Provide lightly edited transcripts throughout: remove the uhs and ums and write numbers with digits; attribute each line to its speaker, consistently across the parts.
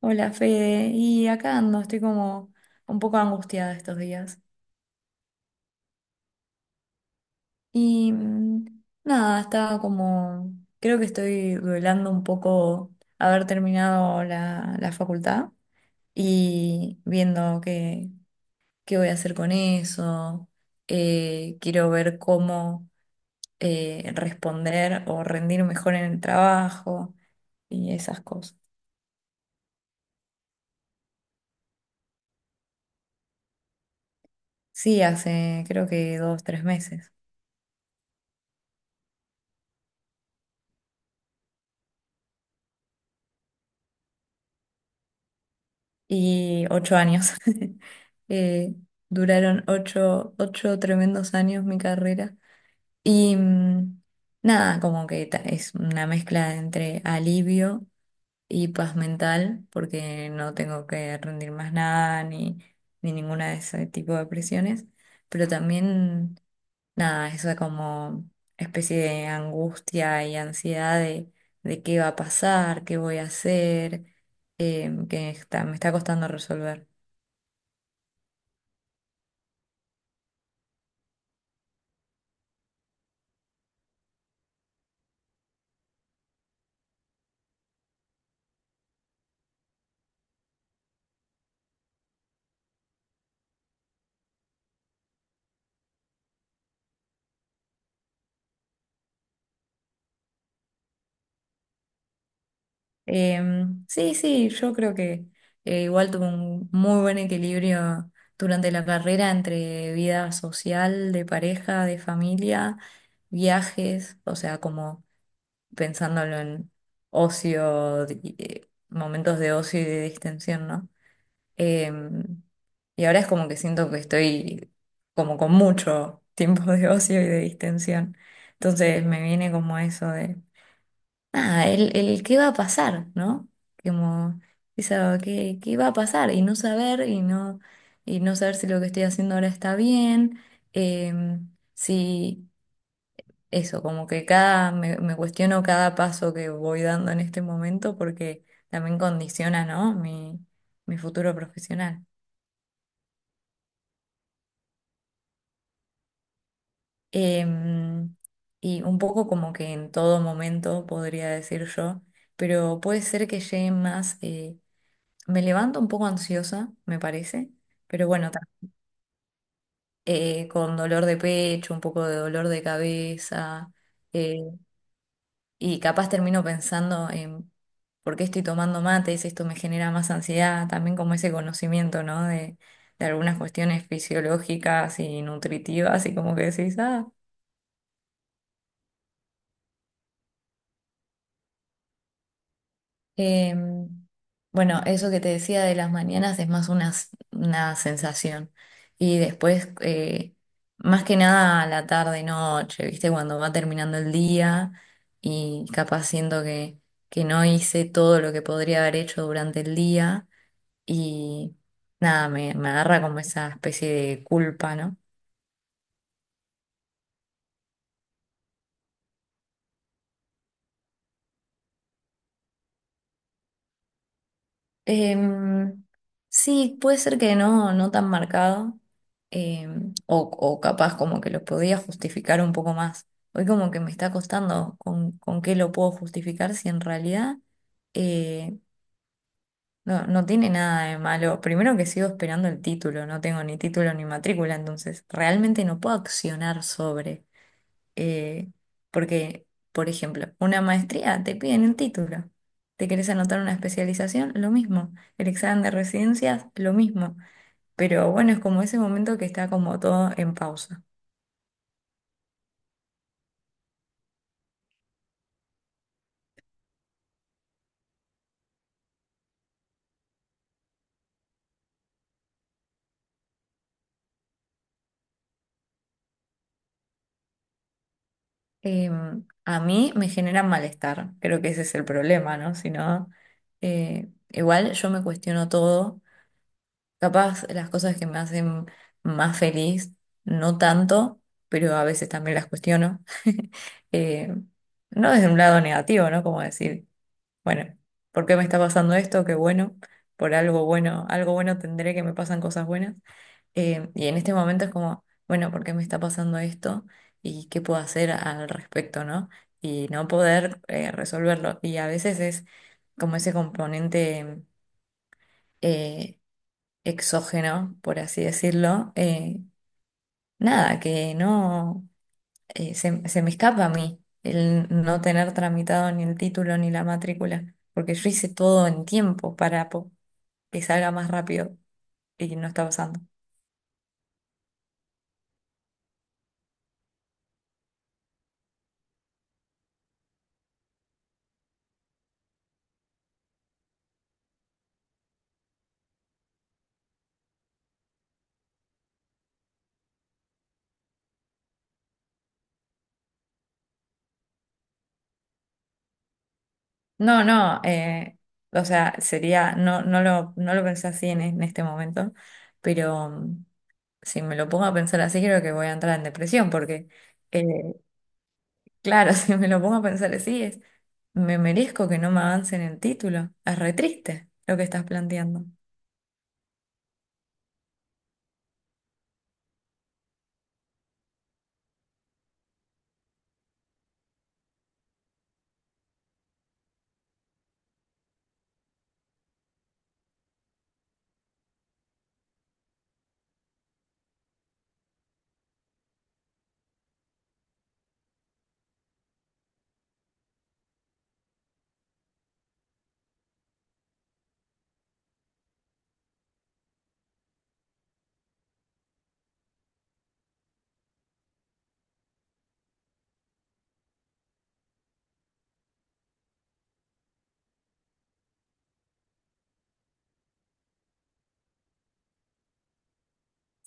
Speaker 1: Hola Fede, y acá ando, estoy como un poco angustiada estos días. Y nada, estaba como, creo que estoy duelando un poco haber terminado la facultad y viendo qué voy a hacer con eso. Quiero ver cómo responder o rendir mejor en el trabajo y esas cosas. Sí, hace creo que 2, 3 meses. Y 8 años. Eh, duraron ocho tremendos años mi carrera. Y nada, como que es una mezcla entre alivio y paz mental, porque no tengo que rendir más nada ni ninguna de ese tipo de presiones, pero también, nada, eso como especie de angustia y ansiedad de qué va a pasar, qué voy a hacer, me está costando resolver. Sí, sí, yo creo que igual tuve un muy buen equilibrio durante la carrera entre vida social, de pareja, de familia, viajes, o sea, como pensándolo en ocio, momentos de ocio y de distensión, ¿no? Em, y ahora es como que siento que estoy como con mucho tiempo de ocio y de distensión. Entonces me viene como eso nada, el qué va a pasar, ¿no? Como esa, ¿qué va a pasar? Y no saber, y no saber si lo que estoy haciendo ahora está bien, eh, si eso, como que me cuestiono cada paso que voy dando en este momento porque también condiciona, ¿no? Mi futuro profesional. Em, y un poco como que en todo momento, podría decir yo, pero puede ser que llegue más. Me levanto un poco ansiosa, me parece, pero bueno, con dolor de pecho, un poco de dolor de cabeza, eh, y capaz termino pensando en por qué estoy tomando mates, esto me genera más ansiedad, también como ese conocimiento, ¿no? De algunas cuestiones fisiológicas y nutritivas, y como que decís, ah. Eh, bueno, eso que te decía de las mañanas es más una sensación. Y después, más que nada a la tarde, noche, ¿viste? Cuando va terminando el día y capaz siento que no hice todo lo que podría haber hecho durante el día y nada, me agarra como esa especie de culpa, ¿no? Em, sí, puede ser que no, no tan marcado, o capaz como que lo podía justificar un poco más. Hoy como que me está costando con qué lo puedo justificar si en realidad eh, no tiene nada de malo. Primero que sigo esperando el título, no tengo ni título ni matrícula, entonces realmente no puedo accionar sobre eh, porque, por ejemplo, una maestría te piden el título. ¿Te querés anotar una especialización? Lo mismo. El examen de residencias, lo mismo. Pero bueno, es como ese momento que está como todo en pausa. A mí me genera malestar, creo que ese es el problema, ¿no? Si no, igual yo me cuestiono todo. Capaz las cosas que me hacen más feliz, no tanto, pero a veces también las cuestiono. Eh, no desde un lado negativo, ¿no? Como decir, bueno, ¿por qué me está pasando esto? Qué bueno, por algo bueno tendré que me pasan cosas buenas. Y en este momento es como, bueno, ¿por qué me está pasando esto? ¿Y qué puedo hacer al respecto, ¿no? Y no poder resolverlo. Y a veces es como ese componente... eh, exógeno, por así decirlo, nada, que no se me escapa a mí el no tener tramitado ni el título ni la matrícula, porque yo hice todo en tiempo para que salga más rápido y no está pasando. No, no, o sea, sería, no lo pensé así en este momento, pero si me lo pongo a pensar así, creo que voy a entrar en depresión, porque, eh, claro, si me lo pongo a pensar así, me merezco que no me avancen el título. Es re triste lo que estás planteando.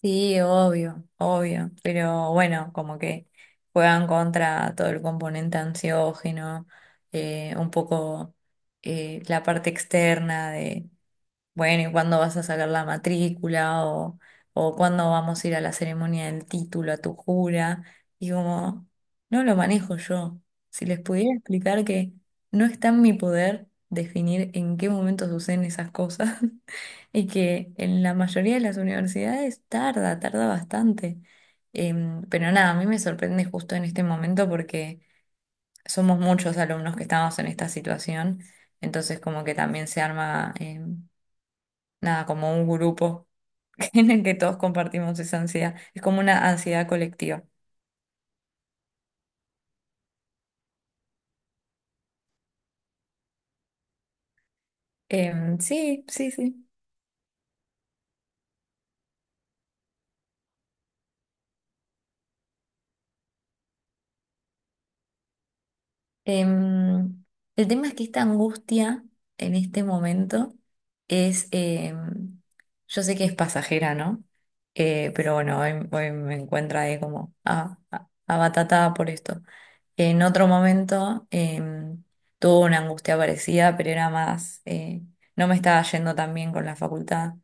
Speaker 1: Sí, obvio, obvio. Pero bueno, como que juegan contra todo el componente ansiógeno, un poco la parte externa. Bueno, ¿y cuándo vas a sacar la matrícula? O cuándo vamos a ir a la ceremonia del título, a tu jura. Y como, no lo manejo yo. Si les pudiera explicar que no está en mi poder definir en qué momento suceden esas cosas y que en la mayoría de las universidades tarda, tarda bastante. Pero nada, a mí me sorprende justo en este momento porque somos muchos alumnos que estamos en esta situación, entonces como que también se arma. Nada, como un grupo en el que todos compartimos esa ansiedad. Es como una ansiedad colectiva. Sí, sí, sí. Em, el tema es que esta angustia en este momento es, yo sé que es pasajera, ¿no? Pero bueno, hoy, hoy me encuentro ahí como abatatada por esto. En otro momento em, tuve una angustia parecida, pero era más, no me estaba yendo tan bien con la facultad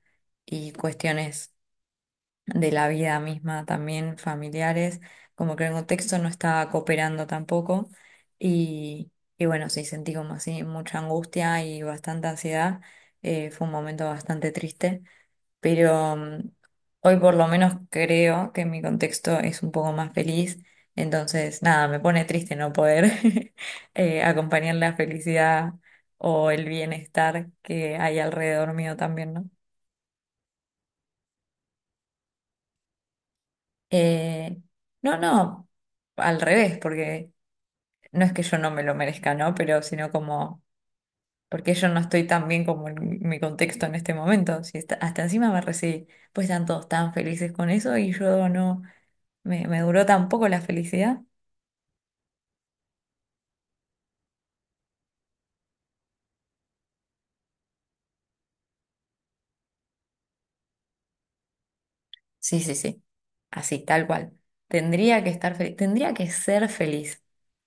Speaker 1: y cuestiones de la vida misma también, familiares, como que el contexto no estaba cooperando tampoco. Y, y bueno, sí, sentí como así mucha angustia y bastante ansiedad. Fue un momento bastante triste, pero hoy por lo menos creo que mi contexto es un poco más feliz. Entonces, nada, me pone triste no poder acompañar la felicidad o el bienestar que hay alrededor mío también, ¿no? Eh, no, no, al revés, porque no es que yo no me lo merezca, ¿no? Pero sino como, porque yo no estoy tan bien como en mi contexto en este momento. Si hasta encima me recibí, pues están todos tan felices con eso y yo no, me duró tan poco la felicidad. Sí, sí, sí. Así, tal cual. Tendría que estar feliz, tendría que ser feliz.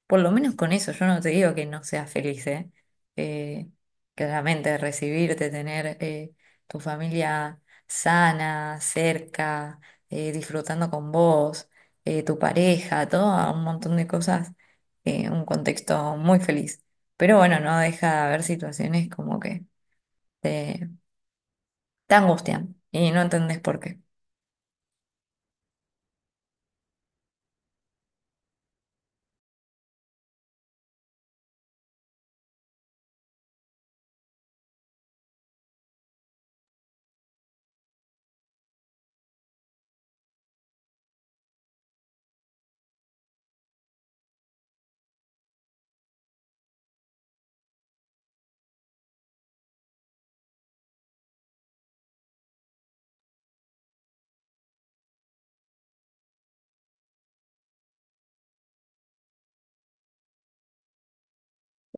Speaker 1: Por lo menos con eso, yo no te digo que no seas feliz, ¿eh? Eh, claramente recibirte, tener tu familia sana, cerca, disfrutando con vos, tu pareja, todo un montón de cosas, un contexto muy feliz. Pero bueno, no deja de haber situaciones como que te, te angustian y no entendés por qué.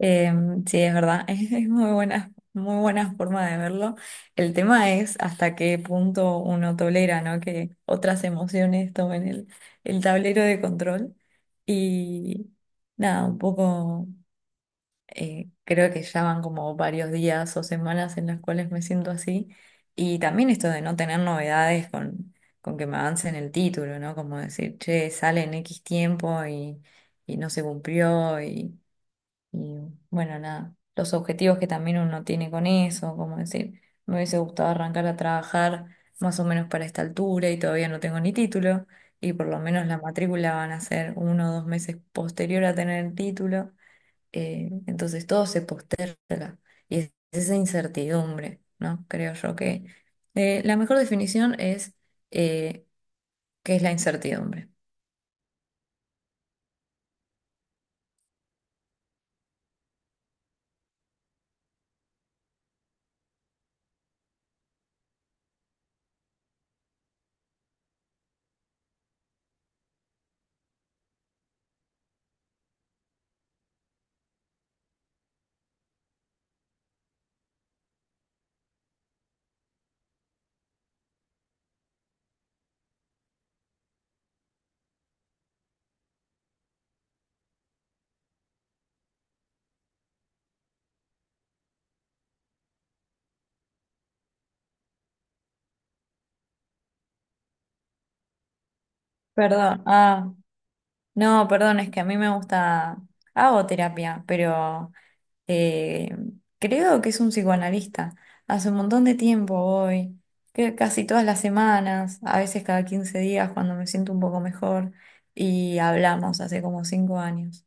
Speaker 1: Eh, sí, es verdad, es muy buena forma de verlo. El tema es hasta qué punto uno tolera, ¿no? Que otras emociones tomen el tablero de control. Y nada, un poco, creo que ya van como varios días o semanas en las cuales me siento así. Y también esto de no tener novedades con que me avancen el título, ¿no? Como decir, che, sale en X tiempo y no se cumplió y... Y bueno, nada, los objetivos que también uno tiene con eso, como decir, me hubiese gustado arrancar a trabajar más o menos para esta altura y todavía no tengo ni título, y por lo menos la matrícula van a ser 1 o 2 meses posterior a tener el título, entonces todo se posterga y es esa incertidumbre, ¿no? Creo yo que la mejor definición es eh, qué es la incertidumbre. Perdón, ah, no, perdón, es que a mí me gusta... Hago terapia, pero Eh, creo que es un psicoanalista. Hace un montón de tiempo voy, que casi todas las semanas, a veces cada 15 días cuando me siento un poco mejor, y hablamos hace como 5 años.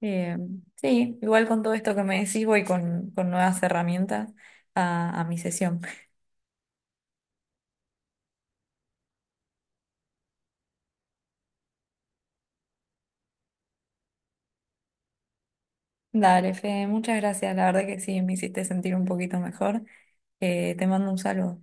Speaker 1: Eh, sí, igual con todo esto que me decís voy con nuevas herramientas a mi sesión. Dale, Fede, muchas gracias, la verdad que sí, me hiciste sentir un poquito mejor. Te mando un saludo.